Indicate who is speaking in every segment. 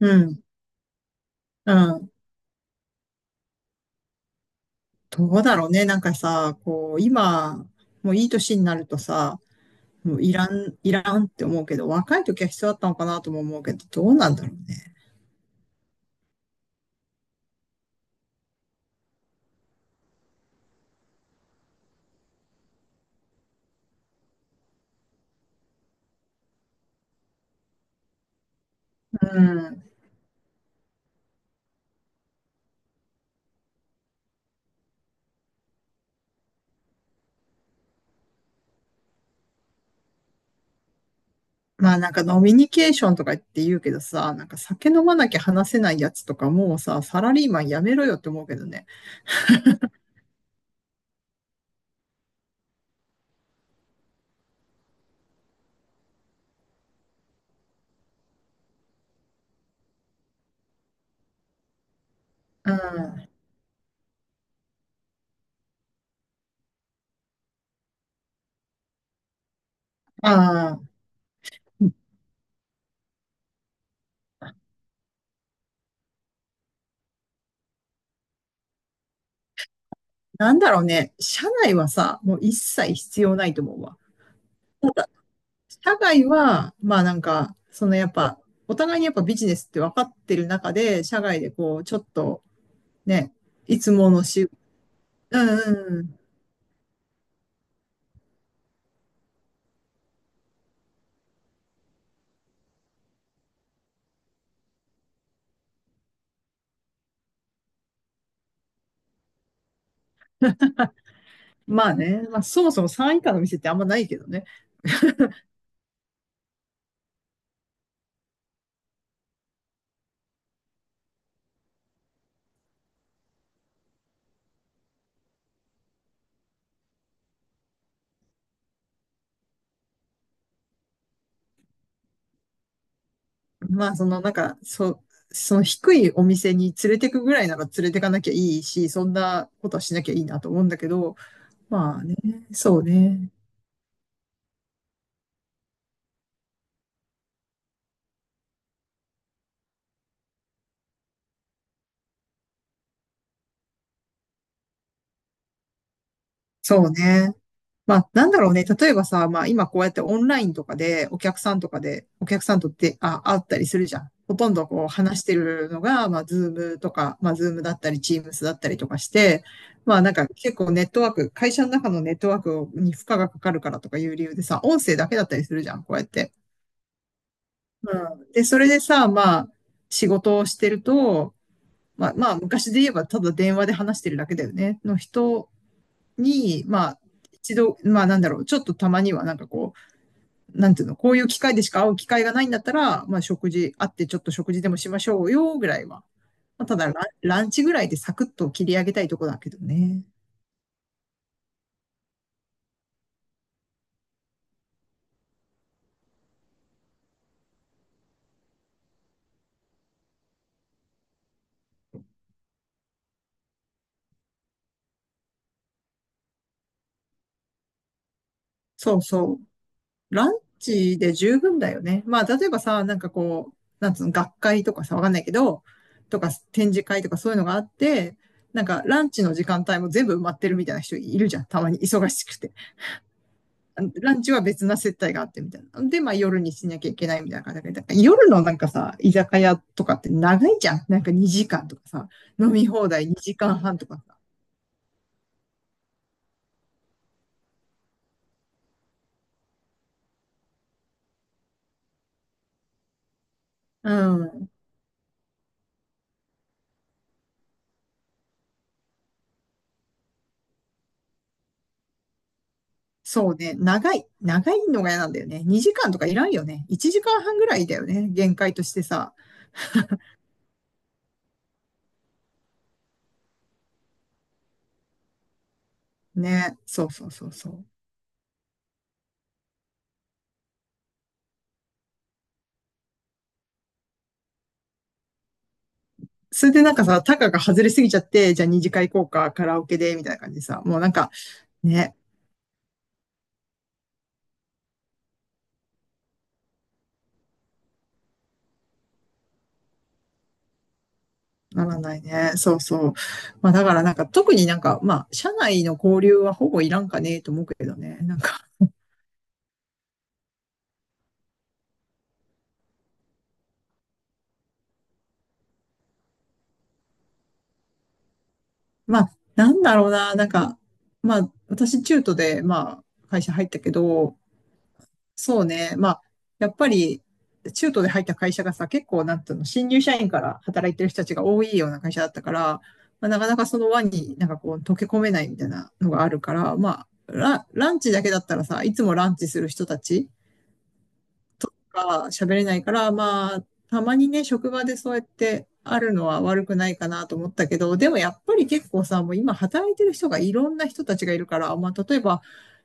Speaker 1: うん、うん。どうだろうね。なんかさ、こう、今、もういい年になるとさ、もういらん、いらんって思うけど、若い時は必要だったのかなとも思うけど、どうなんだろうね。うん。まあなんか飲みニケーションとか言って言うけどさ、なんか酒飲まなきゃ話せないやつとかもうさ、サラリーマンやめろよって思うけどね。うん。ああ、なんだろうね。社内はさ、もう一切必要ないと思うわ。社外は、まあなんか、そのやっぱ、お互いにやっぱビジネスって分かってる中で、社外でこう、ちょっとね、いつものし、うんうん。まあね、まあそもそも3以下の店ってあんまないけどね。まあそのなんか、その低いお店に連れてくぐらいなら連れてかなきゃいいし、そんなことはしなきゃいいなと思うんだけど、まあね、そうね。そうね。まあ、なんだろうね。例えばさ、まあ今こうやってオンラインとかでお客さんとかで、お客さんとって、あ、会ったりするじゃん。ほとんどこう話してるのが、まあズームとか、まあズームだったり、チームスだったりとかして、まあなんか結構ネットワーク、会社の中のネットワークに負荷がかかるからとかいう理由でさ、音声だけだったりするじゃん、こうやって。うん。で、それでさ、まあ仕事をしてると、まあまあ昔で言えばただ電話で話してるだけだよね。の人に、まあ一度、まあなんだろう、ちょっとたまにはなんかこう、なんていうの、こういう機会でしか会う機会がないんだったら、まあ食事、会ってちょっと食事でもしましょうよ、ぐらいは。まあ、ただランチぐらいでサクッと切り上げたいとこだけどね。そうそう。ランチで十分だよね。まあ、例えばさ、なんかこう、なんつうの、学会とかさ、わかんないけど、とか展示会とかそういうのがあって、なんかランチの時間帯も全部埋まってるみたいな人いるじゃん。たまに忙しくて。ランチは別な接待があってみたいな。で、まあ夜にしなきゃいけないみたいな感じで、だから夜のなんかさ、居酒屋とかって長いじゃん。なんか2時間とかさ、飲み放題2時間半とかさ。うん。そうね。長い。長いのが嫌なんだよね。2時間とかいらんよね。1時間半ぐらいだよね。限界としてさ。ね。そうそうそうそう。それでなんかさ、タカが外れすぎちゃって、じゃあ2次会行こうか、カラオケで、みたいな感じでさ、もうなんか、ね、ならないね。そうそう。まあだからなんか特になんかまあ社内の交流はほぼいらんかねえと思うけどね。なんかまあなんだろうな。なんかまあ私中途でまあ会社入ったけど、そうね。まあやっぱり中途で入った会社がさ結構なんていうの新入社員から働いてる人たちが多いような会社だったから、まあ、なかなかその輪になんかこう溶け込めないみたいなのがあるから、まあランチだけだったらさ、いつもランチする人たちか喋れないから、まあ、たまにね、職場でそうやってあるのは悪くないかなと思ったけど、でもやっぱり結構さ、もう今働いてる人がいろんな人たちがいるから、まあ、例えば、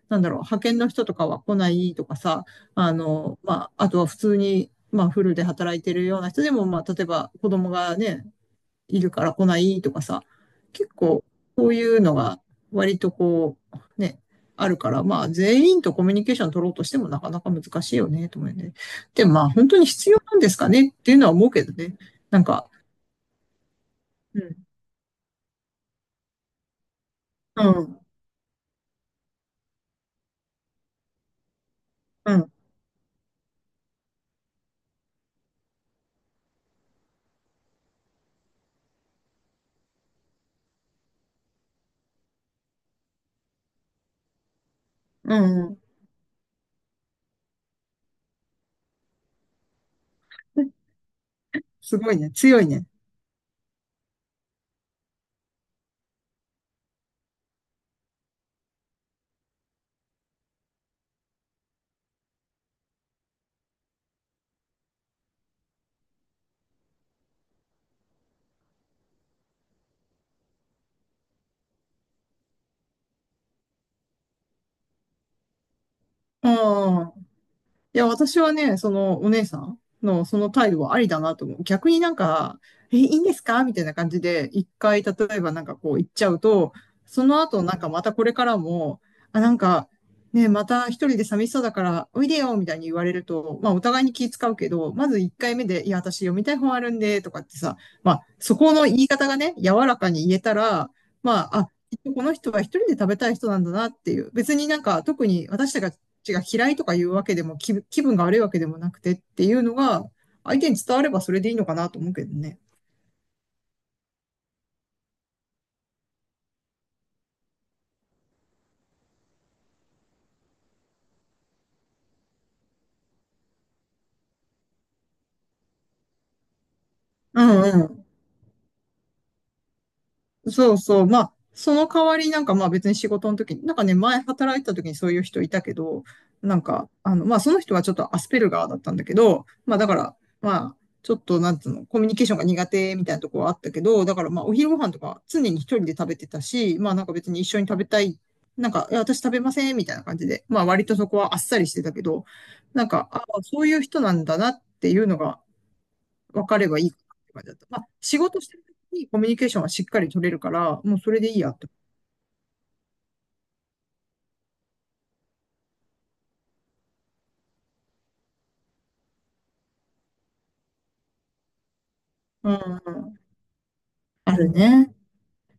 Speaker 1: なんだろう、派遣の人とかは来ないとかさ、あの、まあ、あとは普通に、まあ、フルで働いてるような人でも、まあ、例えば子供がね、いるから来ないとかさ、結構こういうのが割とこう、ね、あるから、まあ全員とコミュニケーション取ろうとしてもなかなか難しいよね、と思うよね。でもまあ本当に必要なんですかねっていうのは思うけどね。なんか、うん、うん、うん、うん、すごいね、強いね。うん。いや、私はね、そのお姉さんのその態度はありだなと思う。逆になんか、え、いいんですかみたいな感じで、一回、例えばなんかこう言っちゃうと、その後なんかまたこれからも、あ、なんか、ね、また一人で寂しそうだから、おいでよみたいに言われると、まあお互いに気使うけど、まず一回目で、いや、私読みたい本あるんで、とかってさ、まあそこの言い方がね、柔らかに言えたら、まあ、あ、きっとこの人は一人で食べたい人なんだなっていう。別になんか特に私たちがちが嫌いとかいうわけでも、気分が悪いわけでもなくてっていうのが、相手に伝わればそれでいいのかなと思うけどね。うんうん。そうそう。まあ、その代わりなんかまあ別に仕事の時に、なんかね、前働いた時にそういう人いたけど、なんか、あの、まあその人はちょっとアスペルガーだったんだけど、まあだから、まあ、ちょっとなんつうの、コミュニケーションが苦手みたいなとこはあったけど、だからまあお昼ご飯とか常に一人で食べてたし、まあなんか別に一緒に食べたい、なんか、いや私食べませんみたいな感じで、まあ割とそこはあっさりしてたけど、なんか、ああ、そういう人なんだなっていうのが、分かればいいかなって感じだった。まあ、仕事してる時にコミュニケーションはしっかり取れるから、もうそれでいいやって。うんうん。あるね。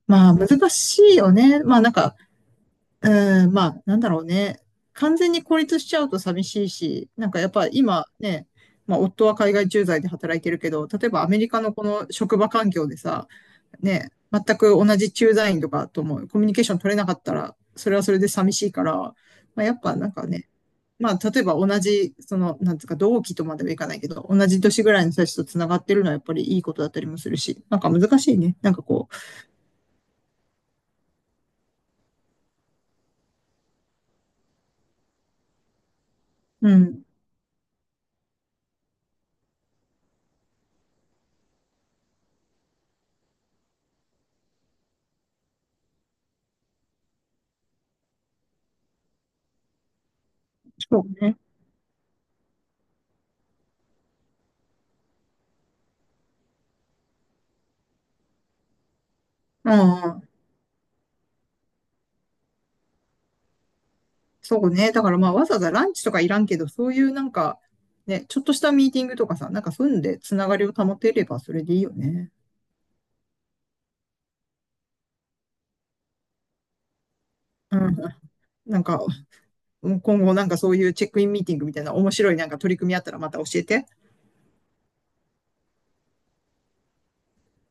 Speaker 1: まあ、難しいよね。まあ、なんか、うん、まあ、なんだろうね。完全に孤立しちゃうと寂しいし、なんかやっぱ今ね、まあ、夫は海外駐在で働いてるけど、例えばアメリカのこの職場環境でさ、ね、全く同じ駐在員とかともコミュニケーション取れなかったら、それはそれで寂しいから、まあ、やっぱなんかね、まあ、例えば同じ、その、なんつうか、同期とまではいかないけど、同じ年ぐらいの人たちと繋がってるのはやっぱりいいことだったりもするし、なんか難しいね。なんかこう、うん、そうね。うん、そうね。だからまあ、わざわざランチとかいらんけど、そういうなんか、ね、ちょっとしたミーティングとかさ、なんかそういうので繋がりを保てればそれでいいよね。うん、なんか、うん今後なんかそういうチェックインミーティングみたいな面白いなんか取り組みあったらまた教えて。